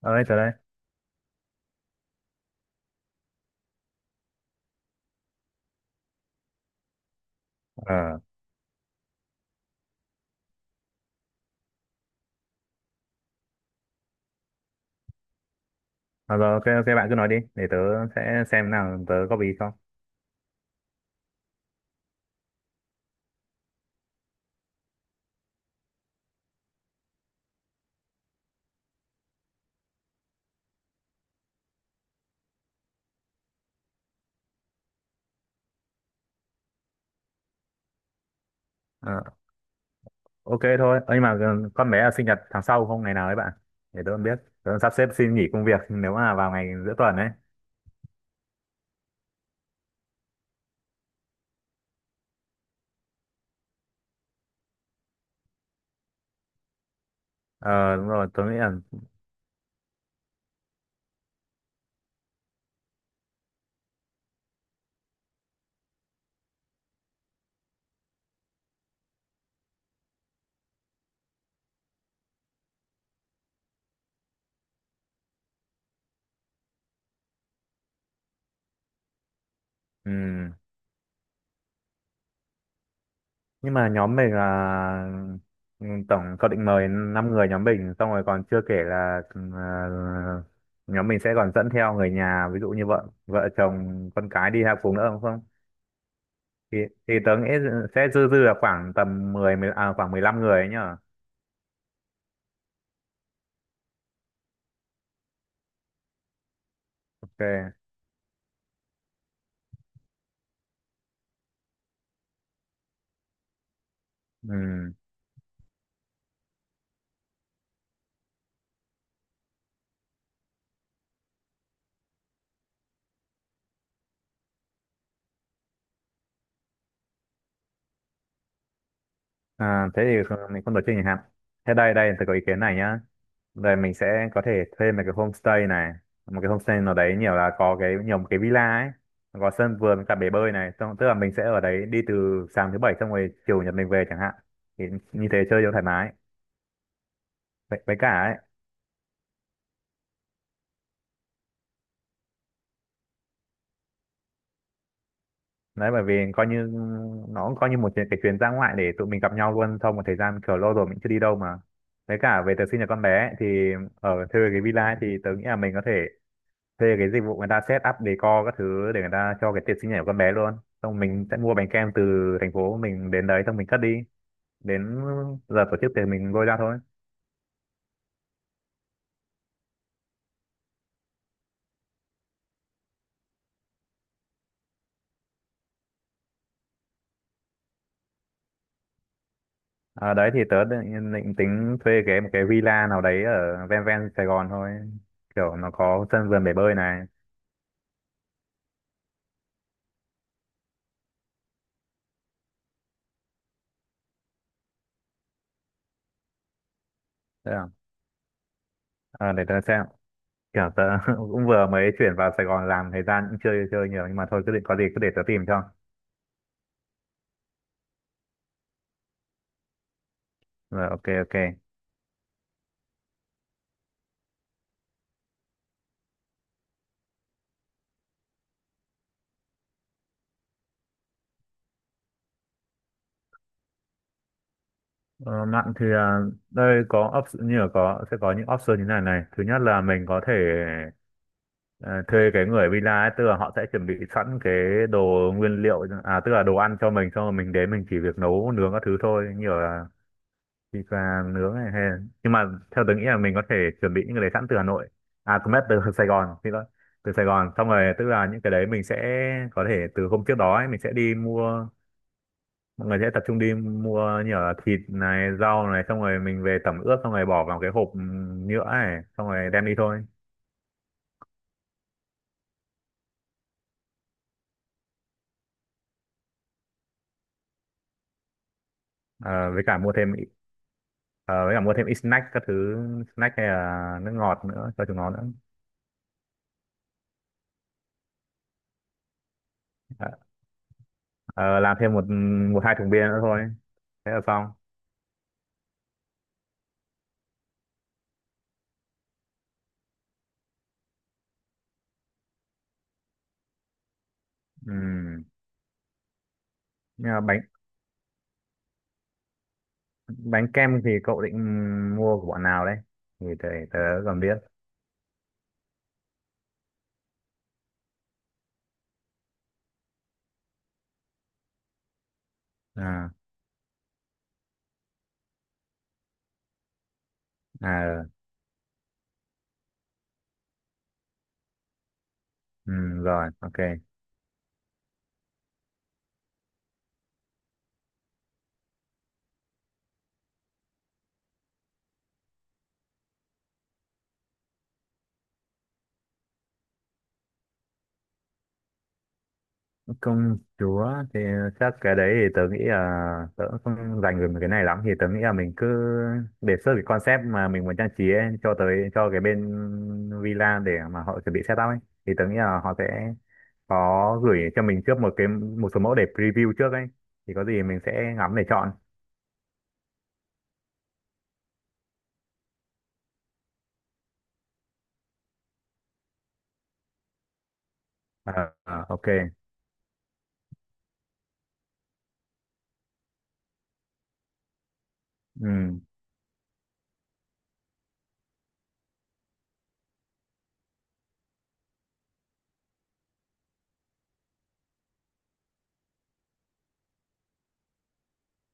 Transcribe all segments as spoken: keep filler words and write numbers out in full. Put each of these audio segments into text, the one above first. Ở đây, tớ đây. Ờ, à, rồi, ok, ok, bạn cứ nói đi, để tớ sẽ xem nào tớ góp ý không. Ờ, ok thôi. Ơ, nhưng mà ừ, con bé là sinh nhật tháng sau không, ngày nào đấy bạn? Để tớ còn biết, tớ sắp xếp xin nghỉ công việc nếu mà vào ngày giữa tuần ấy. Ờ, đúng rồi, tớ nghĩ là, ừm, nhưng mà nhóm mình là, ừm, tổng cậu định mời năm người nhóm mình, xong rồi còn chưa kể là, ừm, ờ, nhóm mình sẽ còn dẫn theo người nhà, ví dụ như vợ, vợ chồng, con cái đi học cùng nữa đúng không? thì thì tớ nghĩ sẽ dư dư là khoảng tầm mười, 10 à, khoảng mười lăm người ấy nhở. Ok. Ừ. À, thế thì không- mình không tổ chức nhà hàng. Thế đây đây tôi có ý kiến này nhá. Rồi mình sẽ có thể thuê một cái homestay này, một cái homestay nào đấy, nhiều là có cái nhiều một cái villa ấy, có sân vườn với cả bể bơi này, xong tức là mình sẽ ở đấy đi từ sáng thứ bảy xong rồi chiều nhật mình về chẳng hạn. Thì như thế chơi cho thoải mái. Với, với cả ấy, đấy bởi vì coi như nó cũng coi như một chuyện- cái chuyến ra ngoại để tụi mình gặp nhau luôn sau một thời gian, kiểu lâu rồi mình chưa đi đâu mà. Với cả về tớ sinh nhật con bé ấy, thì ở thuê cái villa ấy, thì tớ nghĩ là mình có thể thuê cái dịch vụ người ta set up decor các thứ để người ta cho cái tiệc sinh nhật của con bé luôn. Xong mình sẽ mua bánh kem từ thành phố mình đến đấy xong mình cất đi, đến giờ tổ chức thì mình lôi ra thôi. À, đấy thì tớ định, định tính thuê cái một cái villa nào đấy ở ven ven Sài Gòn thôi, kiểu nó có sân vườn bể bơi này. Thế à? Ờ, để tớ xem, kiểu tớ cũng vừa mới chuyển vào Sài Gòn làm thời gian cũng chưa chơi nhiều, nhưng mà thôi cứ định có gì cứ để tớ tìm cho. Rồi, ok, ok. Ờ, mạng thì à, đây có option như là có sẽ có những option như này này. Thứ nhất là mình có thể ờ, thuê cái người villa ấy, tức là họ sẽ chuẩn bị sẵn cái đồ nguyên liệu, à tức là đồ ăn cho mình, xong rồi mình đến mình chỉ việc nấu nướng các thứ thôi, như nhiều thịt và nướng này hay. Nhưng mà theo tớ nghĩ là mình có thể chuẩn bị những cái đấy sẵn từ Hà Nội, à không biết từ Sài Gòn thì đó, từ Sài Gòn. Xong rồi tức là những cái đấy mình sẽ có thể từ hôm trước đó ấy, mình sẽ đi mua, mọi người sẽ tập trung đi mua như là thịt này rau này, xong rồi mình về tẩm ướp, xong rồi bỏ vào cái hộp nhựa này xong rồi đem đi thôi. Ờ, với cả mua thêm ít- ờ, với cả mua thêm ít snack các thứ, snack hay là nước ngọt nữa cho chúng nó nữa. Ờ, ờ, làm thêm một một hai thùng bia nữa thôi, thế là xong. Ừm. Nhưng mà bánh bánh kem thì cậu định mua của bọn nào đấy thì tớ, tớ còn biết. À. À. Ừ, ừ, rồi ok. Công chúa thì chắc cái đấy thì tớ nghĩ là tớ cũng không dành về cái này lắm, thì tớ nghĩ là mình cứ đề xuất cái concept mà mình muốn trang trí ấy, cho tới cho cái bên villa để mà họ chuẩn bị setup ấy, thì tớ nghĩ là họ sẽ có gửi cho mình trước một cái một số mẫu để preview trước ấy, thì có gì mình sẽ ngắm để chọn. Ờ, ờ, ok. Ừ.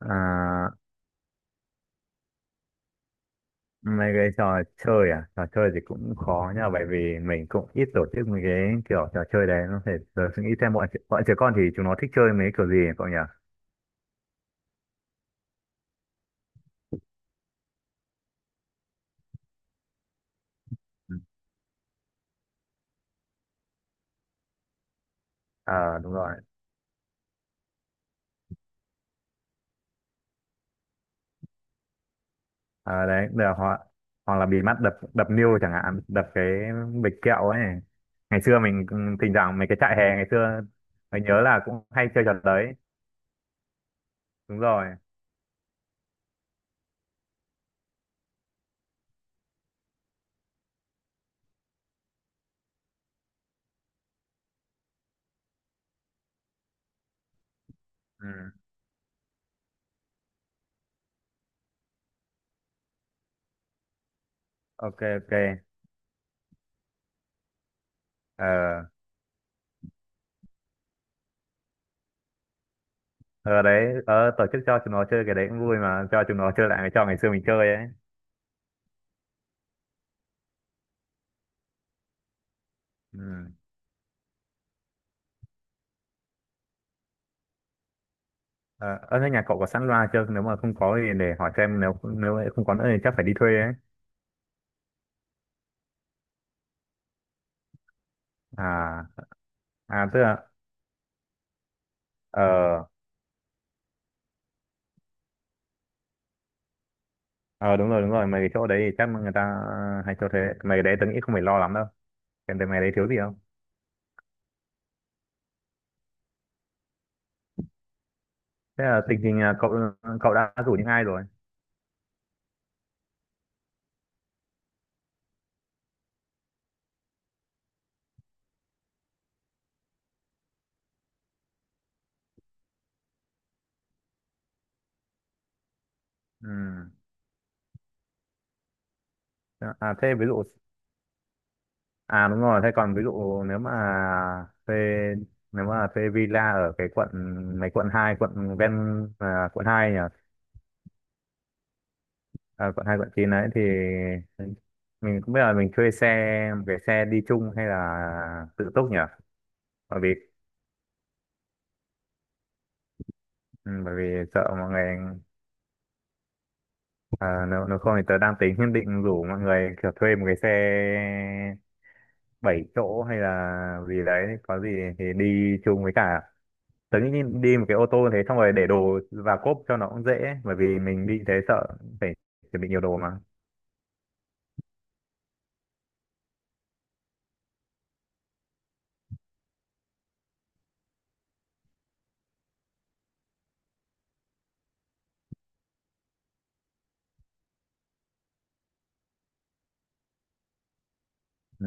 À, mấy cái trò chơi, à trò chơi thì cũng khó nha, bởi vì mình cũng ít tổ chức mấy cái kiểu trò chơi đấy, nó phải giờ suy nghĩ xem bọn trẻ- bọn trẻ con thì chúng nó thích chơi mấy kiểu gì ấy, cậu nhỉ. Ừ. Ờ đúng rồi. Ờ đấy là hoặc hoặc là bịt mắt đập đập niêu chẳng hạn, đập cái bịch kẹo ấy, ngày xưa mình cũng- thỉnh thoảng mấy cái trại hè ngày xưa mình nhớ là cũng hay chơi trò đấy. Đúng rồi. Ừ. Ok. Ok. Ờ. Ờ đấy, ờ, tổ chức cho chúng nó chơi cái đấy cũng vui, mà cho chúng nó chơi lại cái trò ngày xưa mình chơi ấy. Ừ. Ờ, ở thế nhà cậu có sẵn loa chưa? Nếu mà không có thì để hỏi xem, nếu nếu không có nữa thì chắc phải đi thuê ấy. À. À tức là. Ờ. Ờ đúng rồi, đúng rồi, mấy cái chỗ đấy thì chắc người ta ờ, hay cho thế. Mấy cái đấy tớ nghĩ không phải lo lắm đâu. Xem thấy mấy đấy thiếu gì không? Thế là tình hình là cậu cậu đã rủ những ai rồi? Ừ. À thế ví dụ, à đúng rồi, thế còn ví dụ nếu mà thuê nếu mà thuê villa ở cái quận mấy, quận hai, quận ven, à, quận hai nhỉ? À, bọn hai bọn chín đấy thì mình cũng biết là mình thuê xe một cái xe đi chung hay là tự túc nhỉ, bởi vì ừ, bởi vì sợ mọi người, à, nếu, nếu không thì tớ đang tính nhất định rủ mọi người kiểu thuê một cái xe bảy chỗ hay là gì đấy có gì, thì đi chung với cả tớ nghĩ đi một cái ô tô thế, xong rồi để đồ và cốp cho nó cũng dễ, bởi vì mình đi thế sợ phải chuẩn bị nhiều đồ mà. Ừ.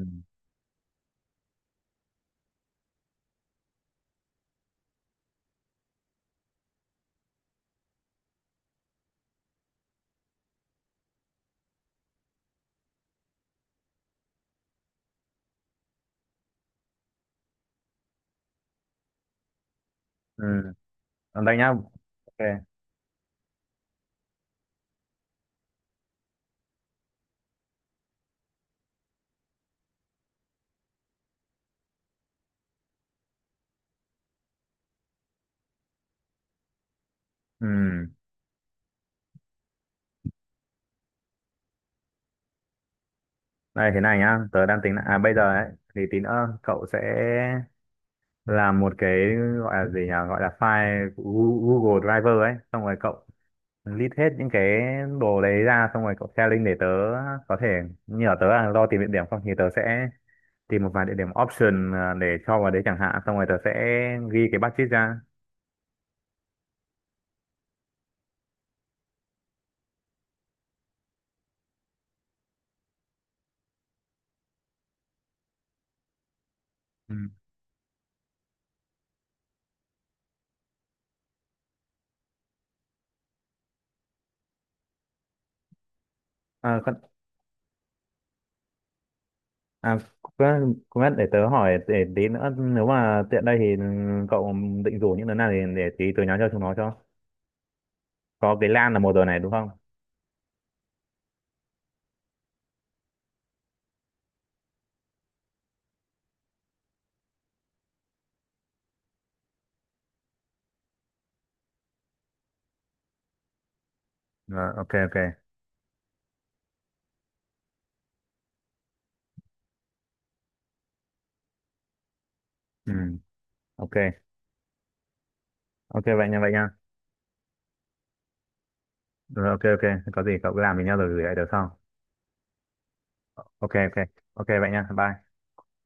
Ừ. Còn đây nhá, ok. Ừ. Này thế này nhá, tớ đang tính là- à bây giờ ấy, thì tí nữa cậu sẽ làm một cái, gọi là gì nhỉ, gọi là file của Gu- Google Driver ấy, xong rồi cậu list hết những cái đồ đấy ra xong rồi cậu share link để tớ có thể, như ở tớ là lo tìm địa điểm, không thì tớ sẽ tìm một vài địa điểm option, à, để cho vào đấy chẳng hạn, xong rồi tớ sẽ ghi cái budget ra. Ừ. À, con, à cũng cũng biết để tớ hỏi, để tí nữa nếu mà tiện đây thì cậu định rủ những đứa nào thì để tí tớ nhắn cho chúng nó cho. Có cái Lan là mùa rồi này đúng không. Rồi ok ok. Ừ. Ừ. Ok ok vậy nha vậy nha. Rồi ok ok, có gì cậu cứ làm với nhau rồi gửi lại được không? Ok. Ok. Ok vậy nha, bye.